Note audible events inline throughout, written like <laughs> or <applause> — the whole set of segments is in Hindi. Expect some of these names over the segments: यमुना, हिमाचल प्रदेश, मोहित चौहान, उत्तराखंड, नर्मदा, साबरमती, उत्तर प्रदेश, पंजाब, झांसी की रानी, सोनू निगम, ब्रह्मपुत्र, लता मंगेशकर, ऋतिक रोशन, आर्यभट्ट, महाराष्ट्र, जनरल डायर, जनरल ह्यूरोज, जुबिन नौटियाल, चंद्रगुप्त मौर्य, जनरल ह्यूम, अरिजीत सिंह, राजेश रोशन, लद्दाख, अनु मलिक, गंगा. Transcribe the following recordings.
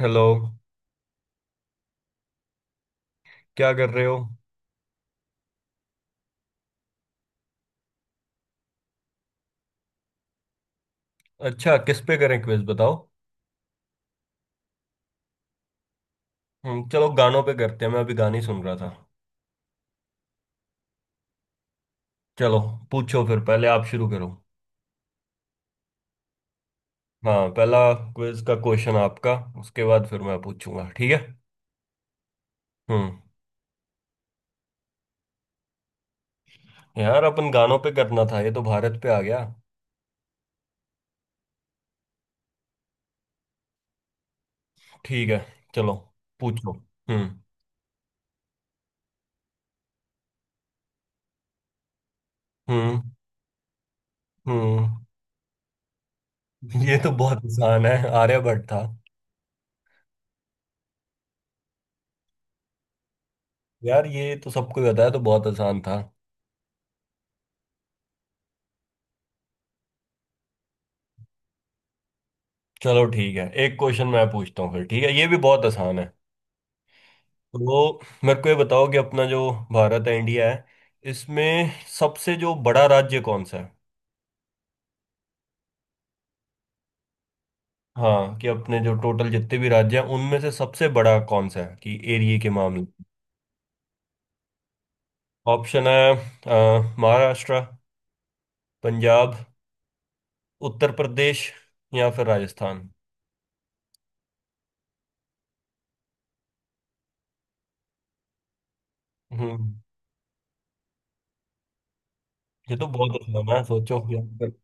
हेलो। क्या कर रहे हो। अच्छा किस पे करें क्विज बताओ। चलो गानों पे करते हैं, मैं अभी गाने सुन रहा था। चलो, पूछो फिर, पहले आप शुरू करो। हाँ, पहला क्विज का क्वेश्चन आपका, उसके बाद फिर मैं पूछूंगा, ठीक है। हम्म यार अपन गानों पे करना था, ये तो भारत पे आ गया। ठीक है, चलो, पूछो। हम्म हम्म हम्म ये तो बहुत आसान है, आर्यभट्ट था। यार ये तो सबको ही पता है, तो बहुत आसान था। चलो ठीक है, एक क्वेश्चन मैं पूछता हूँ फिर, ठीक है, ये भी बहुत आसान है। तो मेरे को ये बताओ कि अपना जो भारत है, इंडिया है, इसमें सबसे जो बड़ा राज्य कौन सा है। हाँ, कि अपने जो टोटल जितने भी राज्य हैं उनमें से सबसे बड़ा कौन सा है, कि एरिया के मामले। ऑप्शन है महाराष्ट्र, पंजाब, उत्तर प्रदेश या फिर राजस्थान। हम्म ये तो बहुत आसान है, सोचो यहाँ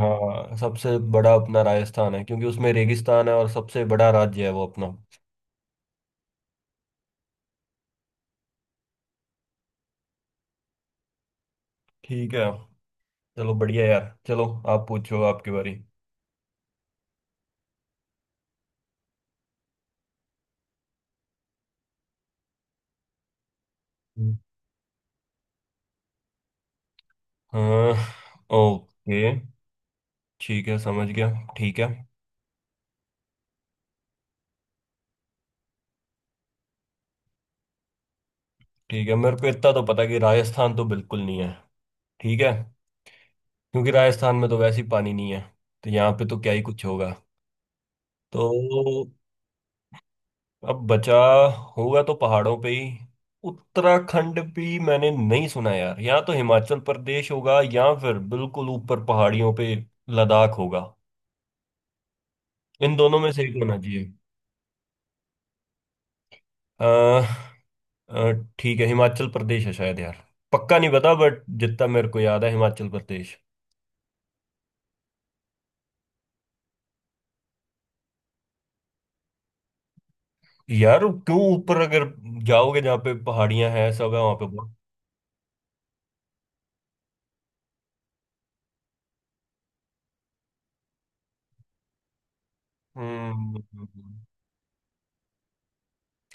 हाँ, सबसे बड़ा अपना राजस्थान है क्योंकि उसमें रेगिस्तान है और सबसे बड़ा राज्य है वो अपना। ठीक है, चलो बढ़िया यार, चलो आप पूछो, आपकी बारी। हाँ। ओके, ठीक है समझ गया, ठीक है। ठीक है, मेरे को इतना तो पता है कि राजस्थान तो बिल्कुल नहीं है। ठीक है, क्योंकि राजस्थान में तो वैसे ही पानी नहीं है, तो यहाँ पे तो क्या ही कुछ होगा तो, अब बचा, होगा तो पहाड़ों पे ही। उत्तराखंड भी मैंने नहीं सुना यार, यहाँ तो हिमाचल प्रदेश होगा या फिर बिल्कुल ऊपर पहाड़ियों पे लद्दाख होगा। इन दोनों में से एक होना चाहिए। अ, ठीक है, हिमाचल प्रदेश है शायद यार, पक्का नहीं पता बट जितना मेरे को याद है हिमाचल प्रदेश। यार क्यों, ऊपर अगर जाओगे जहाँ पे पहाड़ियां हैं सब है वहां पे बहुत। हम्म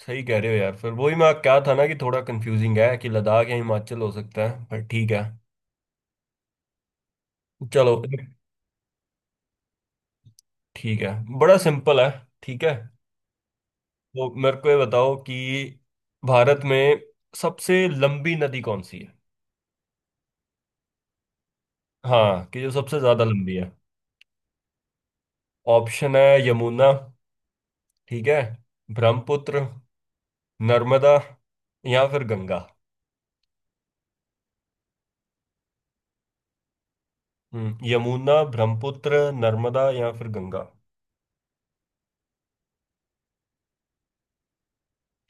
सही कह रहे हो यार, फिर वही मैं क्या था ना कि थोड़ा कंफ्यूजिंग है कि लद्दाख या हिमाचल हो सकता है, पर ठीक है। चलो ठीक है, बड़ा सिंपल है, ठीक है। तो मेरे को ये बताओ कि भारत में सबसे लंबी नदी कौन सी है। हाँ, कि जो सबसे ज्यादा लंबी है। ऑप्शन है यमुना, ठीक है, ब्रह्मपुत्र, नर्मदा या फिर गंगा। यमुना, ब्रह्मपुत्र, नर्मदा या फिर गंगा।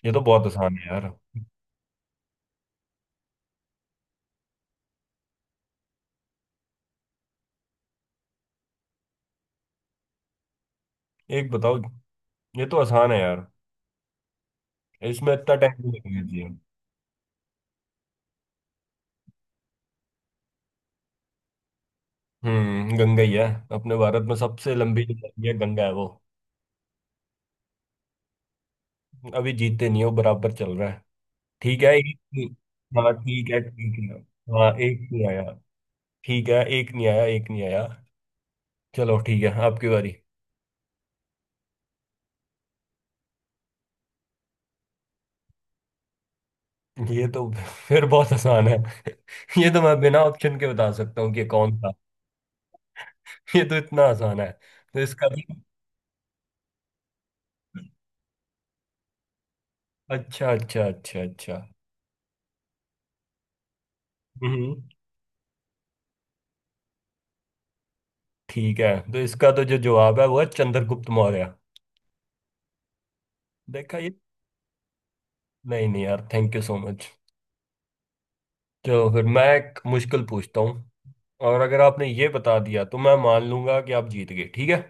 ये तो बहुत आसान है यार, एक बताओ। ये तो आसान है यार, इसमें इतना टाइम नहीं लगना चाहिए। गंगा ही है। अपने भारत में सबसे लंबी जो नदी है, गंगा है वो। अभी जीतते नहीं हो, बराबर चल रहा है, ठीक है एक। हाँ ठीक है, ठीक है, हाँ एक नहीं आया, ठीक है, एक नहीं आया, एक नहीं आया। चलो ठीक है, आपकी बारी। ये तो फिर बहुत आसान है। <laughs> ये तो मैं बिना ऑप्शन के बता सकता हूँ कि कौन था। ये तो इतना आसान है, तो इसका भी। अच्छा अच्छा अच्छा अच्छा। हम्म ठीक है, तो इसका तो जो जवाब है वो है चंद्रगुप्त मौर्य। देखा ये। नहीं नहीं यार, थैंक यू सो मच। चलो फिर मैं एक मुश्किल पूछता हूँ, और अगर आपने ये बता दिया तो मैं मान लूंगा कि आप जीत गए, ठीक है।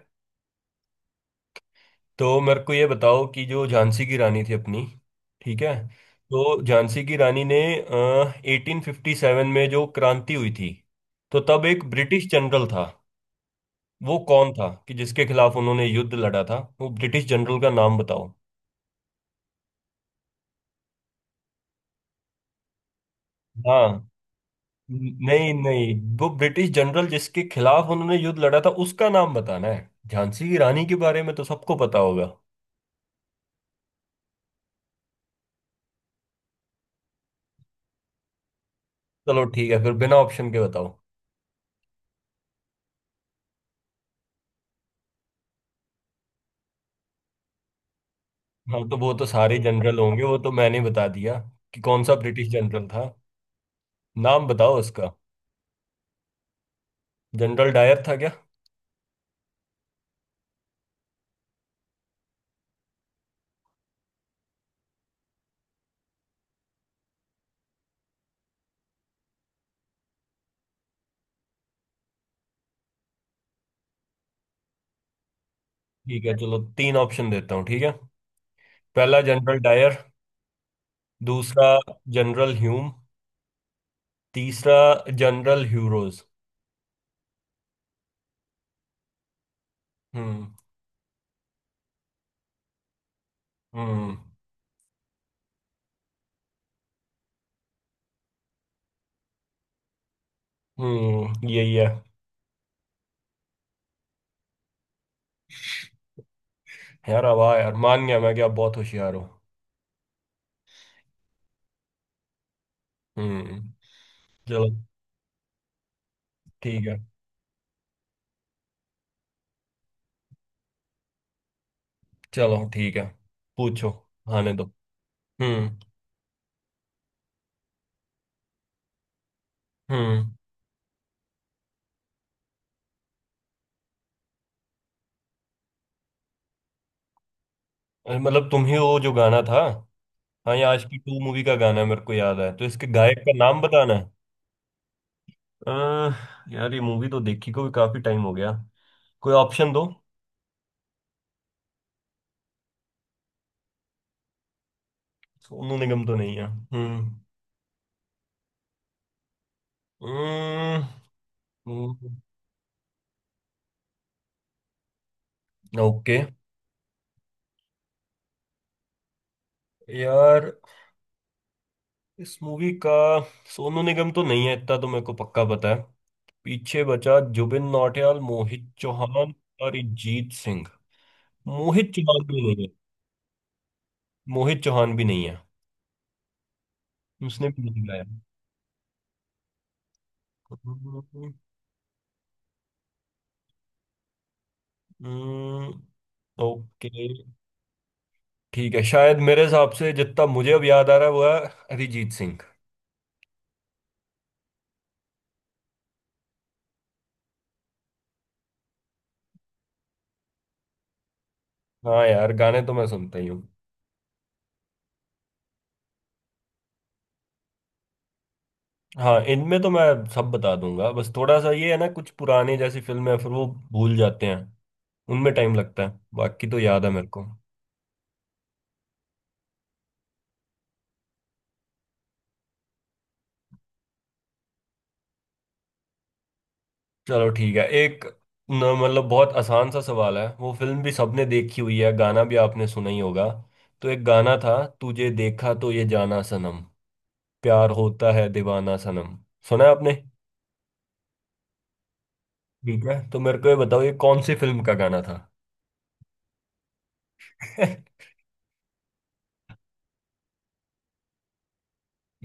तो मेरे को ये बताओ कि जो झांसी की रानी थी अपनी, ठीक है। तो झांसी की रानी ने 1857 में जो क्रांति हुई थी, तो तब एक ब्रिटिश जनरल था, वो कौन था, कि जिसके खिलाफ उन्होंने युद्ध लड़ा था, वो ब्रिटिश जनरल का नाम बताओ। हाँ। नहीं नहीं, वो ब्रिटिश जनरल जिसके खिलाफ उन्होंने युद्ध लड़ा था उसका नाम बताना है, झांसी की रानी के बारे में तो सबको पता होगा। चलो ठीक है, फिर बिना ऑप्शन के बताओ। हाँ तो वो तो सारे जनरल होंगे, वो तो मैंने बता दिया, कि कौन सा ब्रिटिश जनरल था, नाम बताओ उसका। जनरल डायर था क्या। ठीक है चलो, तीन ऑप्शन देता हूँ, ठीक है। पहला जनरल डायर, दूसरा जनरल ह्यूम, तीसरा जनरल ह्यूरोज। हम्म हम्म यही है। यार अब आ यार मान गया मैं, कि आप बहुत होशियार हो। हम्म चलो ठीक है। चलो ठीक है, पूछो, आने दो। हम्म हम्म अरे मतलब तुम ही, वो जो गाना था। हाँ ये आज की 2 मूवी का गाना है, मेरे को याद है, तो इसके गायक का नाम बताना है। अह, यार ये मूवी तो देखी को भी काफी टाइम हो गया, कोई ऑप्शन दो। सोनू निगम तो नहीं है। हम्म हम्म, ओके। यार इस मूवी का सोनू निगम तो नहीं है, इतना तो मेरे को पक्का पता है। पीछे बचा जुबिन नौटियाल, मोहित चौहान और अरिजीत सिंह। मोहित चौहान भी नहीं है। मोहित चौहान भी नहीं है, उसने भी नहीं गाया। हम्म ओके ठीक है, शायद मेरे हिसाब से जितना मुझे अब याद आ रहा है वो है अरिजीत सिंह। हाँ यार गाने तो मैं सुनता ही हूँ। हाँ इनमें तो मैं सब बता दूंगा, बस थोड़ा सा ये है ना, कुछ पुराने जैसी फिल्में हैं, फिर वो भूल जाते हैं, उनमें टाइम लगता है, बाकी तो याद है मेरे को। चलो ठीक है, एक न, मतलब बहुत आसान सा सवाल है, वो फिल्म भी सबने देखी हुई है, गाना भी आपने सुना ही होगा। तो एक गाना था, तुझे देखा तो ये जाना सनम, प्यार होता है दीवाना सनम, सुना है आपने। ठीक है, तो मेरे को ये बताओ, ये कौन सी फिल्म का गाना था। <laughs>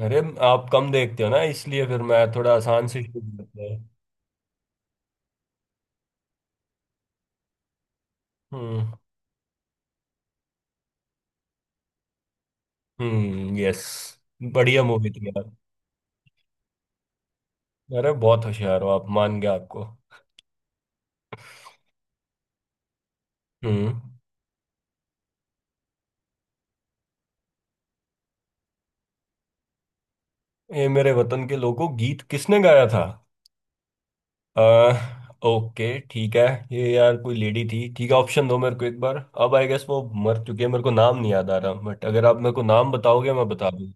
अरे आप कम देखते हो ना, इसलिए फिर मैं थोड़ा आसान से शुरू करता हूँ। हम्म यस, बढ़िया मूवी थी यार। अरे बहुत होशियार हो आप, मान गया आपको। हम्म ये मेरे वतन के लोगों गीत किसने गाया था। अह ओके ठीक है, ये यार कोई लेडी थी, ठीक है ऑप्शन दो मेरे को एक बार, अब आई गेस वो मर चुकी है, मेरे को नाम नहीं याद आ रहा, बट अगर आप मेरे को नाम बताओगे मैं बता दूँ।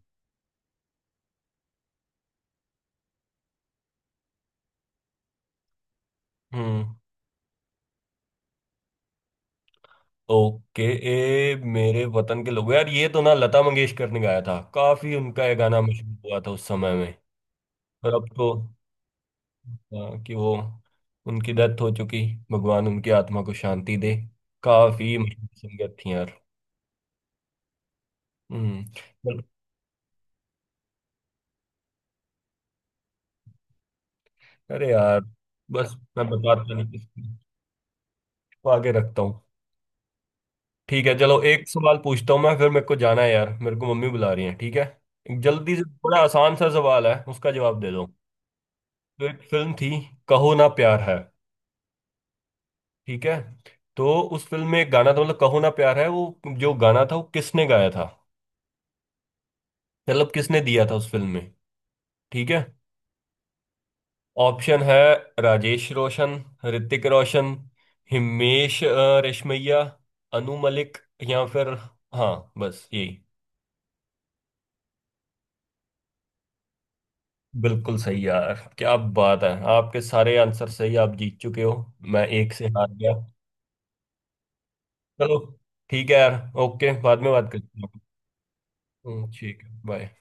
हम्म ओके। ए मेरे वतन के लोग, यार ये तो ना लता मंगेशकर ने गाया था, काफी उनका ये गाना मशहूर हुआ था उस समय में। पर अब तो आ, कि वो, उनकी डेथ हो चुकी, भगवान उनकी आत्मा को शांति दे, काफी मशहूर सिंगर थी यार। हम्म बल- अरे यार, बस मैं बताता नहीं इसको, आगे रखता हूँ। ठीक है चलो, एक सवाल पूछता हूँ मैं फिर, मेरे को जाना है यार, मेरे को मम्मी बुला रही है, ठीक है। एक जल्दी से बड़ा आसान सा सवाल है, उसका जवाब दे दो। तो एक फिल्म थी, कहो ना प्यार है, ठीक है। तो उस फिल्म में एक गाना था, मतलब कहो ना प्यार है वो जो गाना था वो किसने गाया था, मतलब किसने दिया था उस फिल्म में, ठीक है। ऑप्शन है राजेश रोशन, ऋतिक रोशन, हिमेश रेशमैया, अनु मलिक या फिर, हाँ बस यही। बिल्कुल सही यार क्या बात है, आपके सारे आंसर सही, आप जीत चुके हो, मैं एक से हार गया। चलो ठीक है यार, ओके बाद में बात करते हैं। ठीक है बाय।